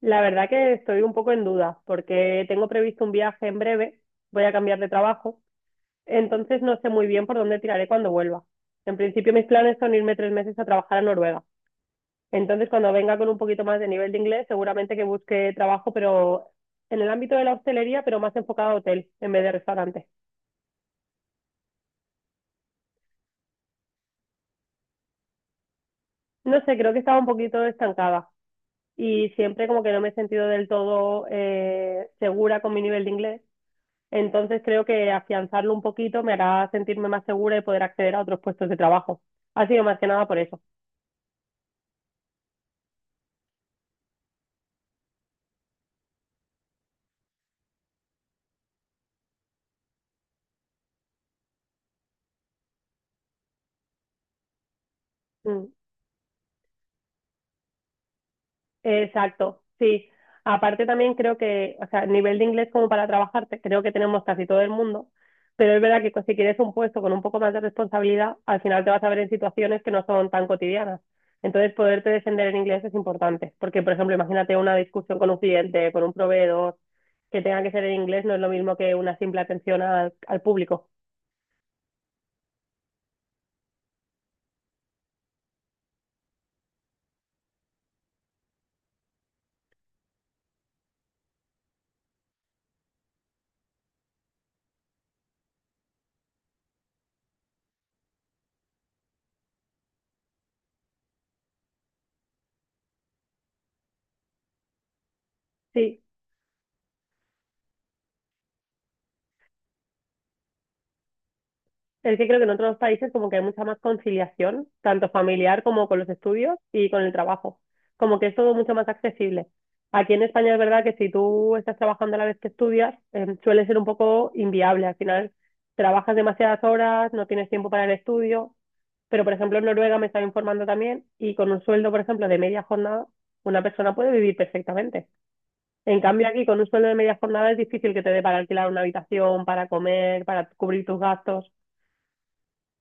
La verdad que estoy un poco en duda porque tengo previsto un viaje en breve, voy a cambiar de trabajo, entonces no sé muy bien por dónde tiraré cuando vuelva. En principio mis planes son irme 3 meses a trabajar a Noruega. Entonces cuando venga con un poquito más de nivel de inglés, seguramente que busque trabajo, pero en el ámbito de la hostelería, pero más enfocado a hotel en vez de restaurante. No sé, creo que estaba un poquito estancada y siempre como que no me he sentido del todo segura con mi nivel de inglés. Entonces creo que afianzarlo un poquito me hará sentirme más segura y poder acceder a otros puestos de trabajo. Ha sido más que nada por eso. Mm, exacto, sí. Aparte también creo que, o sea, nivel de inglés como para trabajar, creo que tenemos casi todo el mundo, pero es verdad que si quieres un puesto con un poco más de responsabilidad, al final te vas a ver en situaciones que no son tan cotidianas. Entonces, poderte defender en inglés es importante, porque, por ejemplo, imagínate una discusión con un cliente, con un proveedor, que tenga que ser en inglés, no es lo mismo que una simple atención al público. Sí, es que creo que en otros países como que hay mucha más conciliación, tanto familiar como con los estudios y con el trabajo. Como que es todo mucho más accesible. Aquí en España es verdad que si tú estás trabajando a la vez que estudias, suele ser un poco inviable. Al final trabajas demasiadas horas, no tienes tiempo para el estudio. Pero, por ejemplo, en Noruega me estaba informando también y con un sueldo, por ejemplo, de media jornada, una persona puede vivir perfectamente. En cambio, aquí con un sueldo de media jornada es difícil que te dé para alquilar una habitación, para comer, para cubrir tus gastos.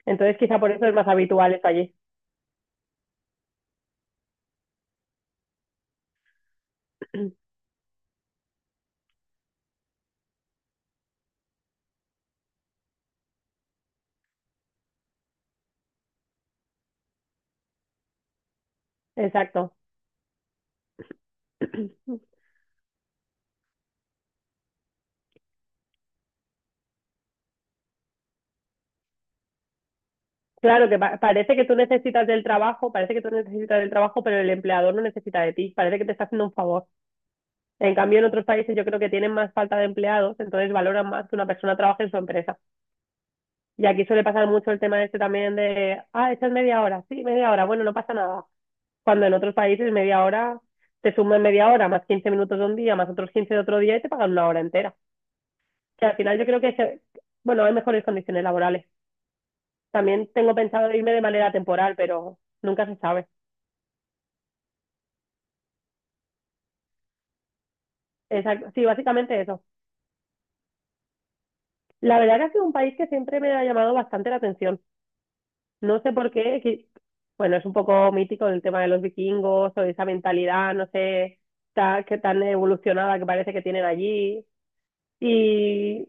Entonces, quizá por eso es más habitual esto allí. Exacto. Claro, que parece que tú necesitas del trabajo, parece que tú necesitas del trabajo, pero el empleador no necesita de ti. Parece que te está haciendo un favor. En cambio, en otros países yo creo que tienen más falta de empleados, entonces valoran más que una persona trabaje en su empresa. Y aquí suele pasar mucho el tema este también de, ah, esto es media hora, sí, media hora, bueno, no pasa nada. Cuando en otros países media hora, te suman media hora, más 15 minutos de un día, más otros 15 de otro día y te pagan una hora entera. Que al final yo creo que, bueno, hay mejores condiciones laborales. También tengo pensado irme de manera temporal, pero nunca se sabe. Exacto. Sí, básicamente eso. La verdad que ha sido un país que siempre me ha llamado bastante la atención. No sé por qué, bueno, es un poco mítico el tema de los vikingos o esa mentalidad, no sé, que tan evolucionada que parece que tienen allí. Y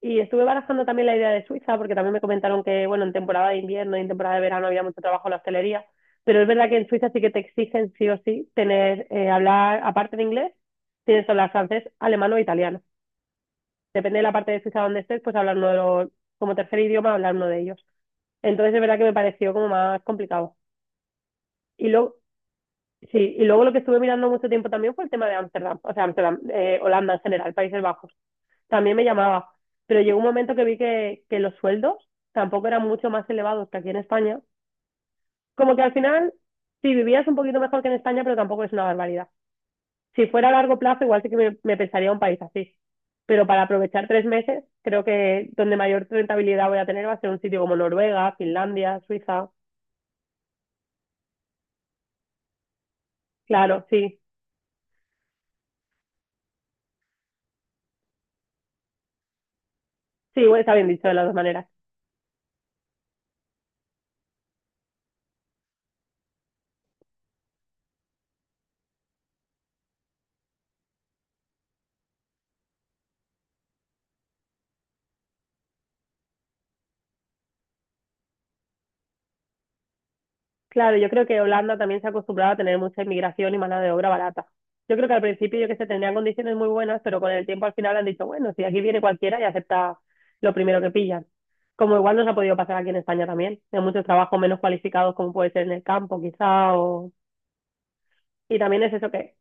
Y estuve barajando también la idea de Suiza, porque también me comentaron que, bueno, en temporada de invierno y en temporada de verano había mucho trabajo en la hostelería, pero es verdad que en Suiza sí que te exigen sí o sí tener, hablar, aparte de inglés, tienes que hablar francés, alemán o italiano. Depende de la parte de Suiza donde estés, pues hablar uno de los, como tercer idioma, hablar uno de ellos. Entonces es verdad que me pareció como más complicado. Y luego, sí, y luego lo que estuve mirando mucho tiempo también fue el tema de Ámsterdam, o sea, Ámsterdam, Holanda en general, Países Bajos. También me llamaba, pero llegó un momento que vi que los sueldos tampoco eran mucho más elevados que aquí en España. Como que al final, sí, vivías un poquito mejor que en España, pero tampoco es una barbaridad. Si fuera a largo plazo, igual sí que me pensaría un país así. Pero para aprovechar 3 meses, creo que donde mayor rentabilidad voy a tener va a ser un sitio como Noruega, Finlandia, Suiza. Claro, sí. Sí, bueno, está bien dicho de las dos maneras. Claro, yo creo que Holanda también se ha acostumbrado a tener mucha inmigración y mano de obra barata. Yo creo que al principio, yo que sé, tendrían condiciones muy buenas, pero con el tiempo al final han dicho, bueno, si aquí viene cualquiera y acepta lo primero que pillan. Como igual nos ha podido pasar aquí en España también, hay muchos trabajos menos cualificados como puede ser en el campo quizá, o... y también es eso que,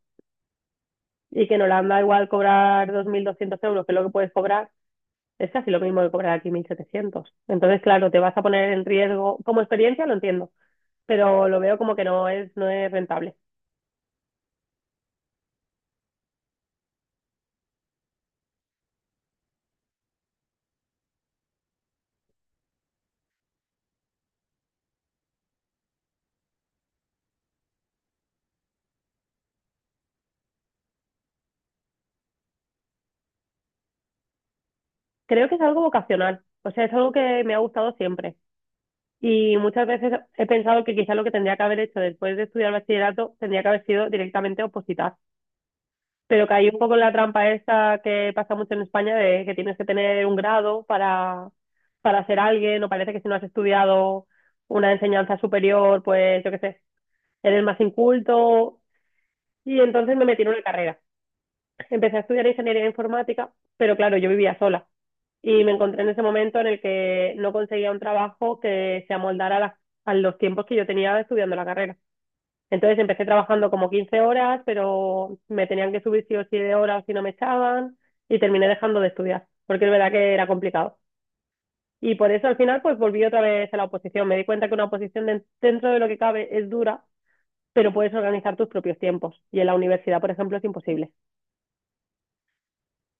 y que en Holanda igual cobrar 2.200 euros, que es lo que puedes cobrar, es casi lo mismo que cobrar aquí 1.700. Entonces, claro, te vas a poner en riesgo, como experiencia lo entiendo, pero lo veo como que no es rentable. Creo que es algo vocacional, o sea, es algo que me ha gustado siempre. Y muchas veces he pensado que quizás lo que tendría que haber hecho después de estudiar bachillerato tendría que haber sido directamente opositar. Pero caí un poco en la trampa esta que pasa mucho en España de que tienes que tener un grado para ser alguien, o parece que si no has estudiado una enseñanza superior, pues yo qué sé, eres más inculto. Y entonces me metí en una carrera. Empecé a estudiar ingeniería informática, pero claro, yo vivía sola y me encontré en ese momento en el que no conseguía un trabajo que se amoldara a los tiempos que yo tenía estudiando la carrera. Entonces empecé trabajando como 15 horas, pero me tenían que subir sí o sí de horas si no me echaban y terminé dejando de estudiar, porque es verdad que era complicado. Y por eso al final pues volví otra vez a la oposición. Me di cuenta que una oposición dentro de lo que cabe es dura, pero puedes organizar tus propios tiempos y en la universidad, por ejemplo, es imposible.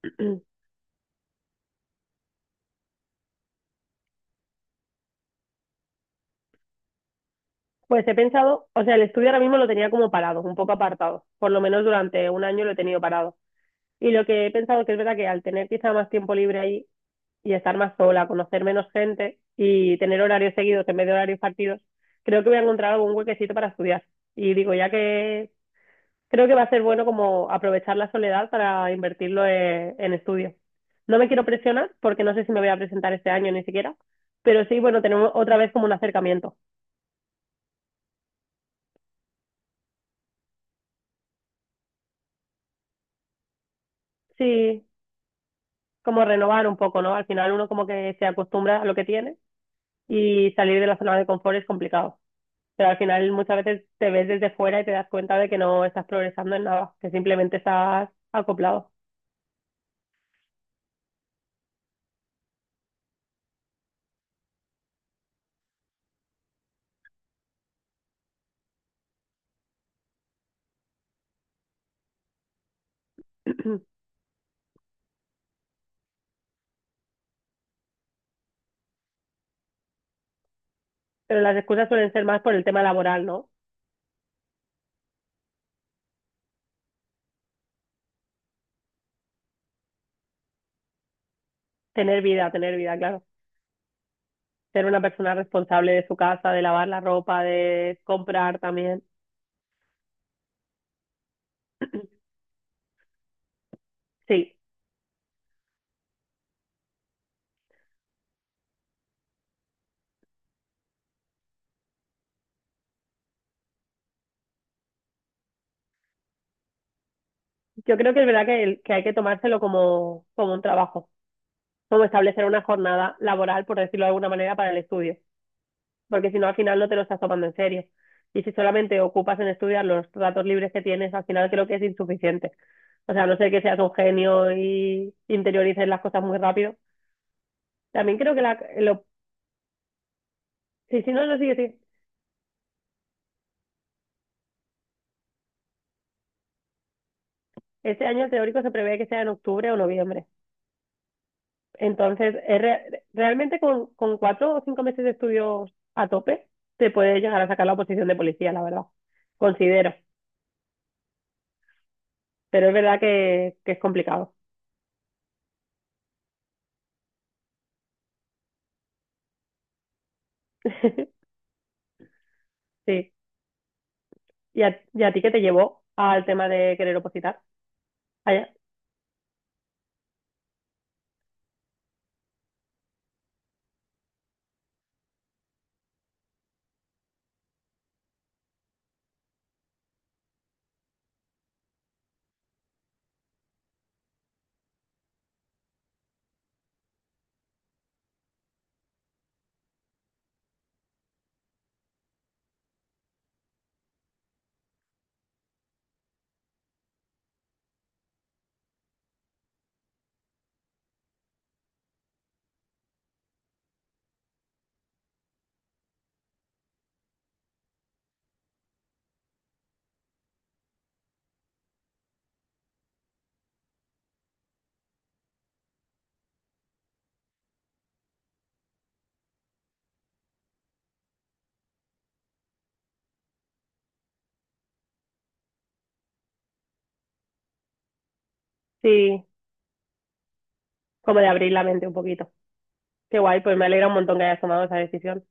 Pues he pensado, o sea, el estudio ahora mismo lo tenía como parado, un poco apartado, por lo menos durante un año lo he tenido parado. Y lo que he pensado que es verdad que al tener quizá más tiempo libre ahí y estar más sola, conocer menos gente y tener horarios seguidos en vez de horarios partidos, creo que voy a encontrar algún huequecito para estudiar. Y digo, ya que creo que va a ser bueno como aprovechar la soledad para invertirlo en estudios. No me quiero presionar porque no sé si me voy a presentar este año ni siquiera, pero sí, bueno, tenemos otra vez como un acercamiento. Sí, como renovar un poco, ¿no? Al final uno como que se acostumbra a lo que tiene y salir de la zona de confort es complicado. Pero al final muchas veces te ves desde fuera y te das cuenta de que no estás progresando en nada, que simplemente estás acoplado. Pero las excusas suelen ser más por el tema laboral, ¿no? Tener vida, claro. Ser una persona responsable de su casa, de lavar la ropa, de comprar también. Sí, yo creo que es verdad que hay que tomárselo como, como un trabajo, como establecer una jornada laboral, por decirlo de alguna manera, para el estudio. Porque si no al final no te lo estás tomando en serio. Y si solamente ocupas en estudiar los ratos libres que tienes, al final creo que es insuficiente. O sea, a no sé que seas un genio y interiorices las cosas muy rápido. También creo que sí, sí, no, no, sí, sí. Este año el teórico se prevé que sea en octubre o noviembre. Entonces, es realmente con, 4 o 5 meses de estudios a tope, te puedes llegar a sacar la oposición de policía, la verdad. Considero. Pero es verdad que es complicado. Sí. ¿Y a ti qué te llevó al tema de querer opositar? Allá. Sí, como de abrir la mente un poquito. Qué guay, pues me alegra un montón que hayas tomado esa decisión.